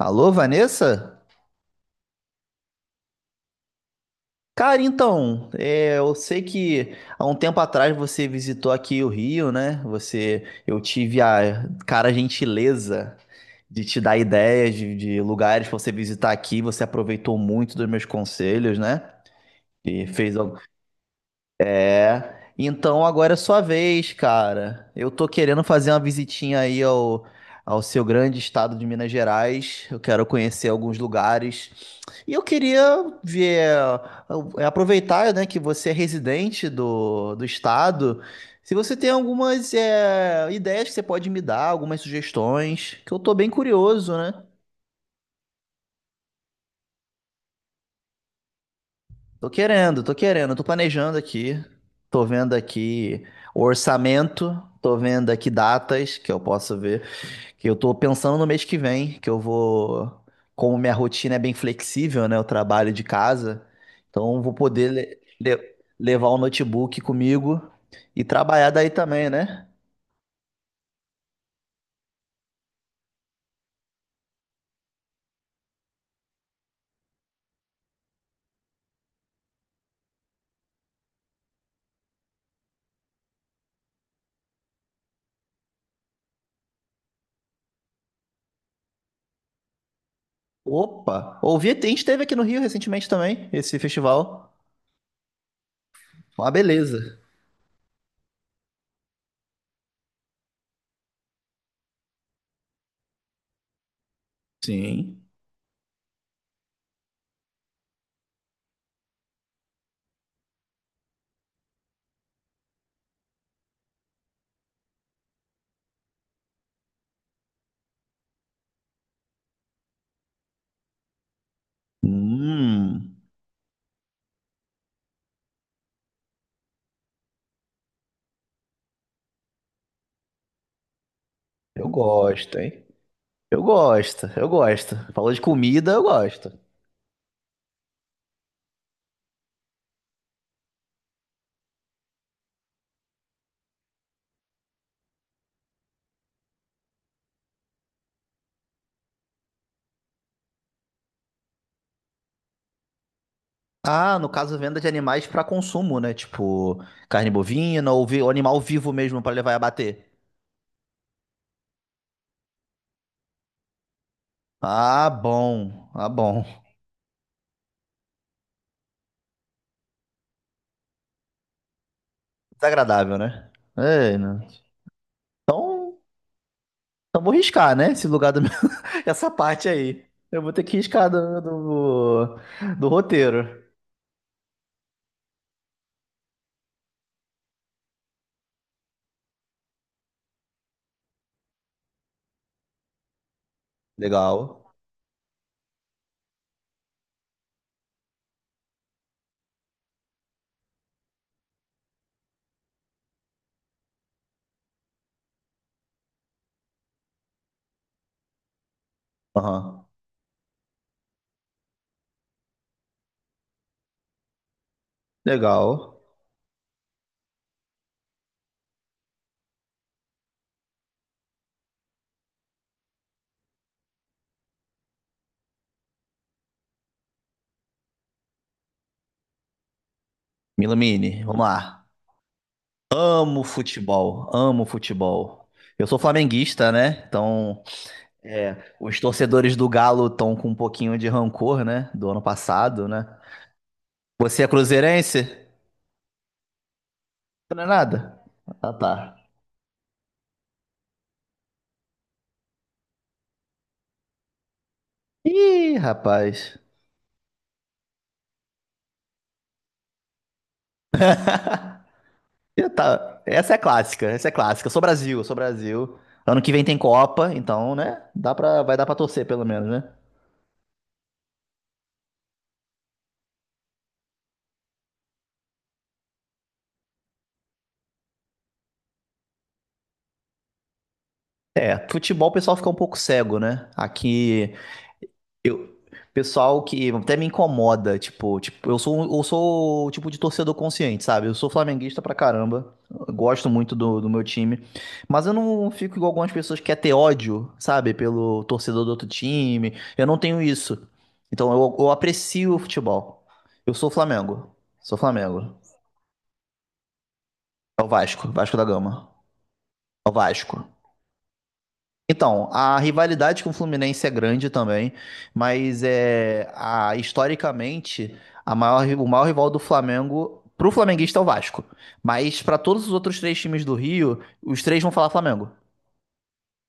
Alô, Vanessa? Cara, então, eu sei que há um tempo atrás você visitou aqui o Rio, né? Eu tive a cara gentileza de te dar ideias de lugares pra você visitar aqui. Você aproveitou muito dos meus conselhos, né? E fez. al- É. Então agora é sua vez, cara. Eu tô querendo fazer uma visitinha aí ao seu grande estado de Minas Gerais. Eu quero conhecer alguns lugares. E eu queria ver, aproveitar, né, que você é residente do estado, se você tem algumas ideias que você pode me dar, algumas sugestões, que eu tô bem curioso, né? Tô querendo, tô querendo, tô planejando aqui, tô vendo aqui o orçamento, tô vendo aqui datas que eu posso ver. Que eu tô pensando no mês que vem, que eu vou. Como minha rotina é bem flexível, né? Eu trabalho de casa, então eu vou poder levar o notebook comigo e trabalhar daí também, né? Opa! Ouvi, a gente teve aqui no Rio recentemente também, esse festival. Uma beleza. Sim. Hum, eu gosto, hein? Eu gosto, eu gosto. Falou de comida, eu gosto. Ah, no caso, venda de animais para consumo, né? Tipo, carne bovina ou animal vivo mesmo para levar e abater. Ah, bom. Ah, bom. Desagradável, né? É, né? Então, vou riscar, né? Esse lugar do meu... Essa parte aí. Eu vou ter que riscar do roteiro. Legal. Aham. Legal. Milamine, vamos lá. Amo futebol. Amo futebol. Eu sou flamenguista, né? Então. É, os torcedores do Galo estão com um pouquinho de rancor, né? Do ano passado, né? Você é cruzeirense? Não é nada? Ah, tá. Ih, rapaz. Ih, tá. Essa é clássica, essa é clássica. Eu sou Brasil, eu sou Brasil. Ano que vem tem Copa, então, né? Vai dar pra torcer, pelo menos, né? É, futebol o pessoal fica um pouco cego, né? Aqui. Eu, pessoal que até me incomoda, tipo, eu sou o tipo de torcedor consciente, sabe? Eu sou flamenguista pra caramba, eu gosto muito do meu time, mas eu não fico igual algumas pessoas que quer ter ódio, sabe? Pelo torcedor do outro time, eu não tenho isso. Então eu aprecio o futebol. Eu sou Flamengo, sou Flamengo. É o Vasco, Vasco da Gama. É o Vasco. Então, a rivalidade com o Fluminense é grande também, mas historicamente a maior, o maior rival do Flamengo pro flamenguista é o Vasco. Mas para todos os outros três times do Rio, os três vão falar Flamengo.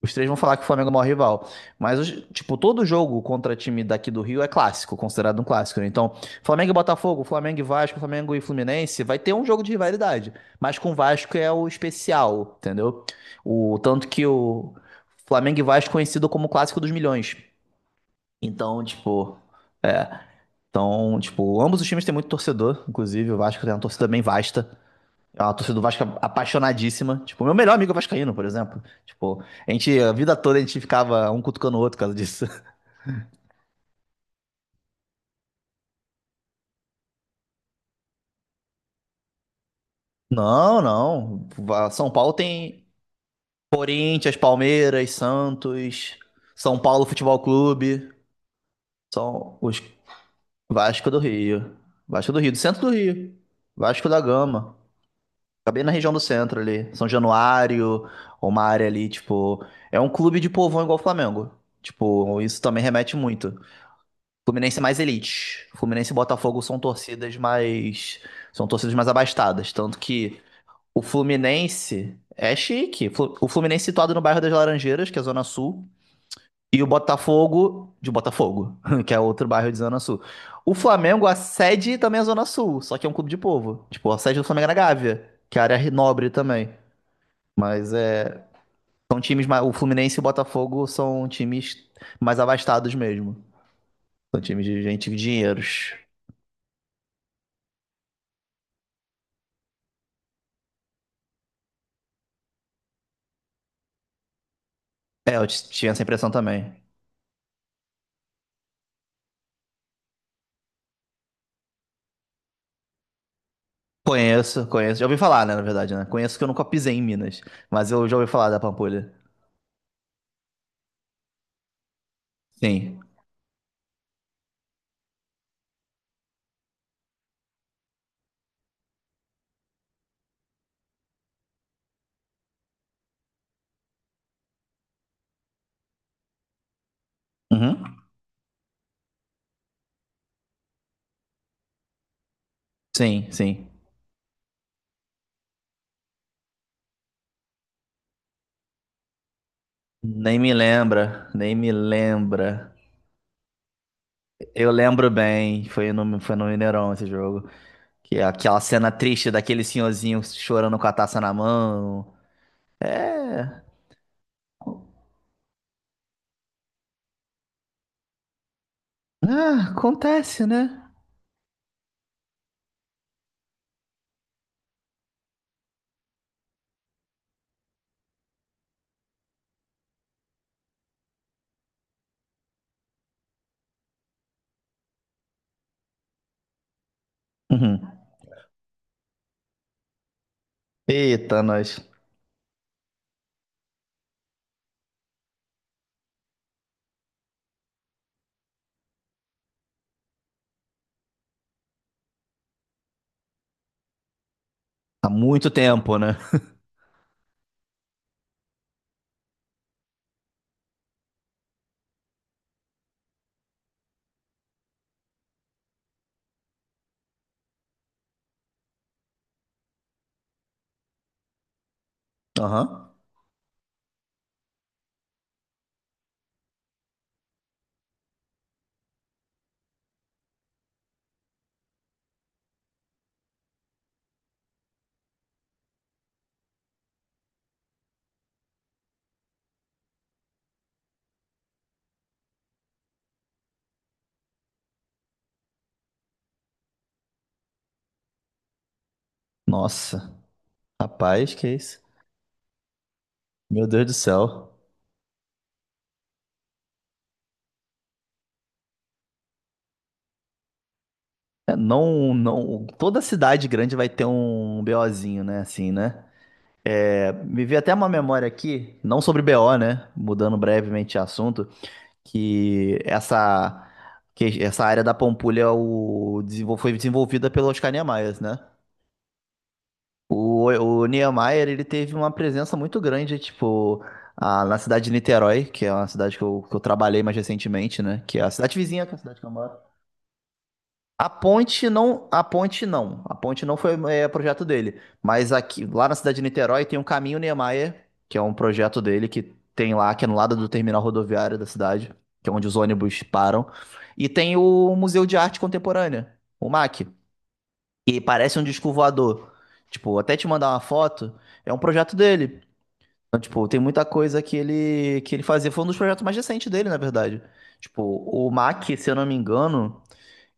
Os três vão falar que o Flamengo é o maior rival. Mas, tipo, todo jogo contra time daqui do Rio é clássico, considerado um clássico, né? Então, Flamengo e Botafogo, Flamengo e Vasco, Flamengo e Fluminense, vai ter um jogo de rivalidade. Mas com o Vasco é o especial, entendeu? O tanto que o Flamengo e Vasco é conhecido como o clássico dos milhões. Então, tipo, é. Então, tipo, ambos os times têm muito torcedor, inclusive o Vasco tem uma torcida bem vasta. É uma torcida do Vasco apaixonadíssima. Tipo, meu melhor amigo é vascaíno, por exemplo. Tipo, a vida toda a gente ficava um cutucando o outro por causa disso. Não, não. São Paulo tem Corinthians, Palmeiras, Santos, São Paulo Futebol Clube. São os Vasco do Rio. Vasco do Rio, do centro do Rio. Vasco da Gama. Acabei na região do centro ali. São Januário, uma área ali, tipo. É um clube de povão igual o Flamengo. Tipo, isso também remete muito. Fluminense é mais elite. Fluminense e Botafogo são torcidas mais. São torcidas mais abastadas. Tanto que o Fluminense é chique. O Fluminense situado no bairro das Laranjeiras, que é a Zona Sul. E o Botafogo de Botafogo, que é outro bairro de Zona Sul. O Flamengo, a sede também é Zona Sul, só que é um clube de povo. Tipo, a sede do Flamengo é na Gávea, que é a área nobre também. Mas é. São times mais. O Fluminense e o Botafogo são times mais abastados mesmo. São times de gente de dinheiros. É, eu tinha essa impressão também. Conheço, conheço. Já ouvi falar, né, na verdade, né? Conheço que eu nunca pisei em Minas, mas eu já ouvi falar da Pampulha. Sim. Uhum. Sim, sim. Nem me lembra, nem me lembra. Eu lembro bem, foi no Mineirão esse jogo. Que é aquela cena triste daquele senhorzinho chorando com a taça na mão. É. Ah, acontece, né? Uhum. Eita, nós. Há muito tempo, né? Aham. Nossa. Rapaz, que isso? Meu Deus do céu. É, não, não, toda cidade grande vai ter um BOzinho, né? Assim, né? É, me veio até uma memória aqui, não sobre BO, né? Mudando brevemente de assunto, que essa, que essa área da Pampulha foi desenvolvida pelo Oscar Niemeyer, né? O Niemeyer, ele teve uma presença muito grande, tipo, na cidade de Niterói, que é uma cidade que eu trabalhei mais recentemente, né? Que é a cidade vizinha, que é a cidade que eu moro. A ponte não, a ponte não, a ponte não foi projeto dele, mas aqui lá na cidade de Niterói tem um caminho Niemeyer, que é um projeto dele que tem lá que é no lado do terminal rodoviário da cidade, que é onde os ônibus param, e tem o Museu de Arte Contemporânea, o MAC, e parece um disco voador. Tipo, até te mandar uma foto, é um projeto dele. Então, tipo, tem muita coisa que ele fazia, foi um dos projetos mais recentes dele, na verdade. Tipo, o MAC, se eu não me engano,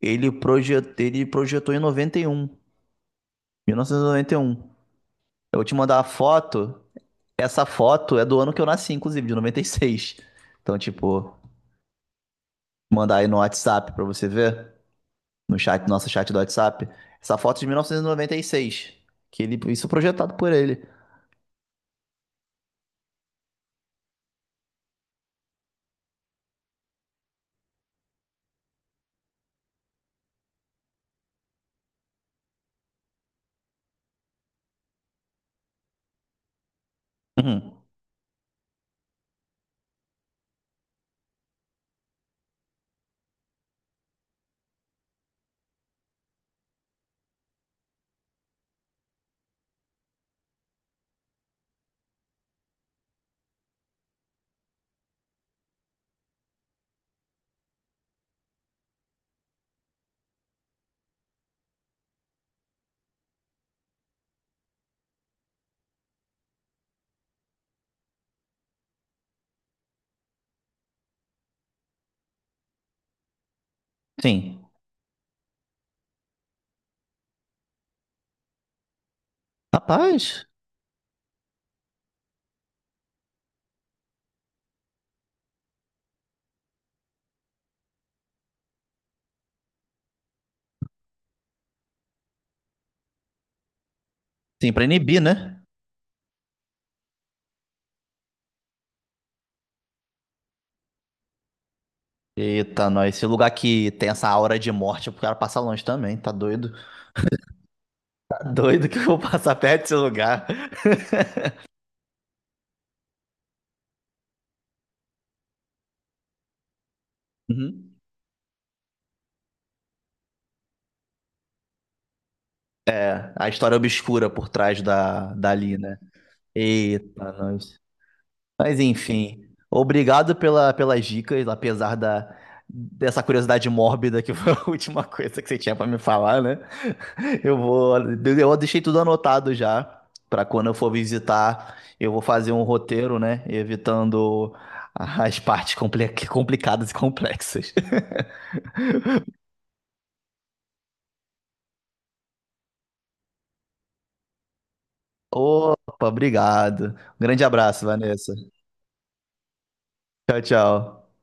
ele projetou em noventa noventa e um, 1991. Eu vou te mandar a foto. Essa foto é do ano que eu nasci, inclusive, de 96. Então, tipo, mandar aí no WhatsApp pra você ver, no chat, nosso chat do WhatsApp. Essa foto é de mil novecentos e noventa e seis isso projetado por ele. Uhum. Sim. Rapaz, sim, pra inibir, né? Eita, nós, esse lugar que tem essa aura de morte, o cara passa longe também, tá doido? Tá doido que eu vou passar perto desse lugar. Uhum. É, a história obscura por trás dali, né? Eita, nós. Mas enfim, obrigado pelas dicas, apesar dessa curiosidade mórbida que foi a última coisa que você tinha pra me falar, né? Eu deixei tudo anotado já pra quando eu for visitar, eu vou fazer um roteiro, né? Evitando as partes complicadas e complexas. Opa, obrigado. Um grande abraço, Vanessa. Tchau, tchau.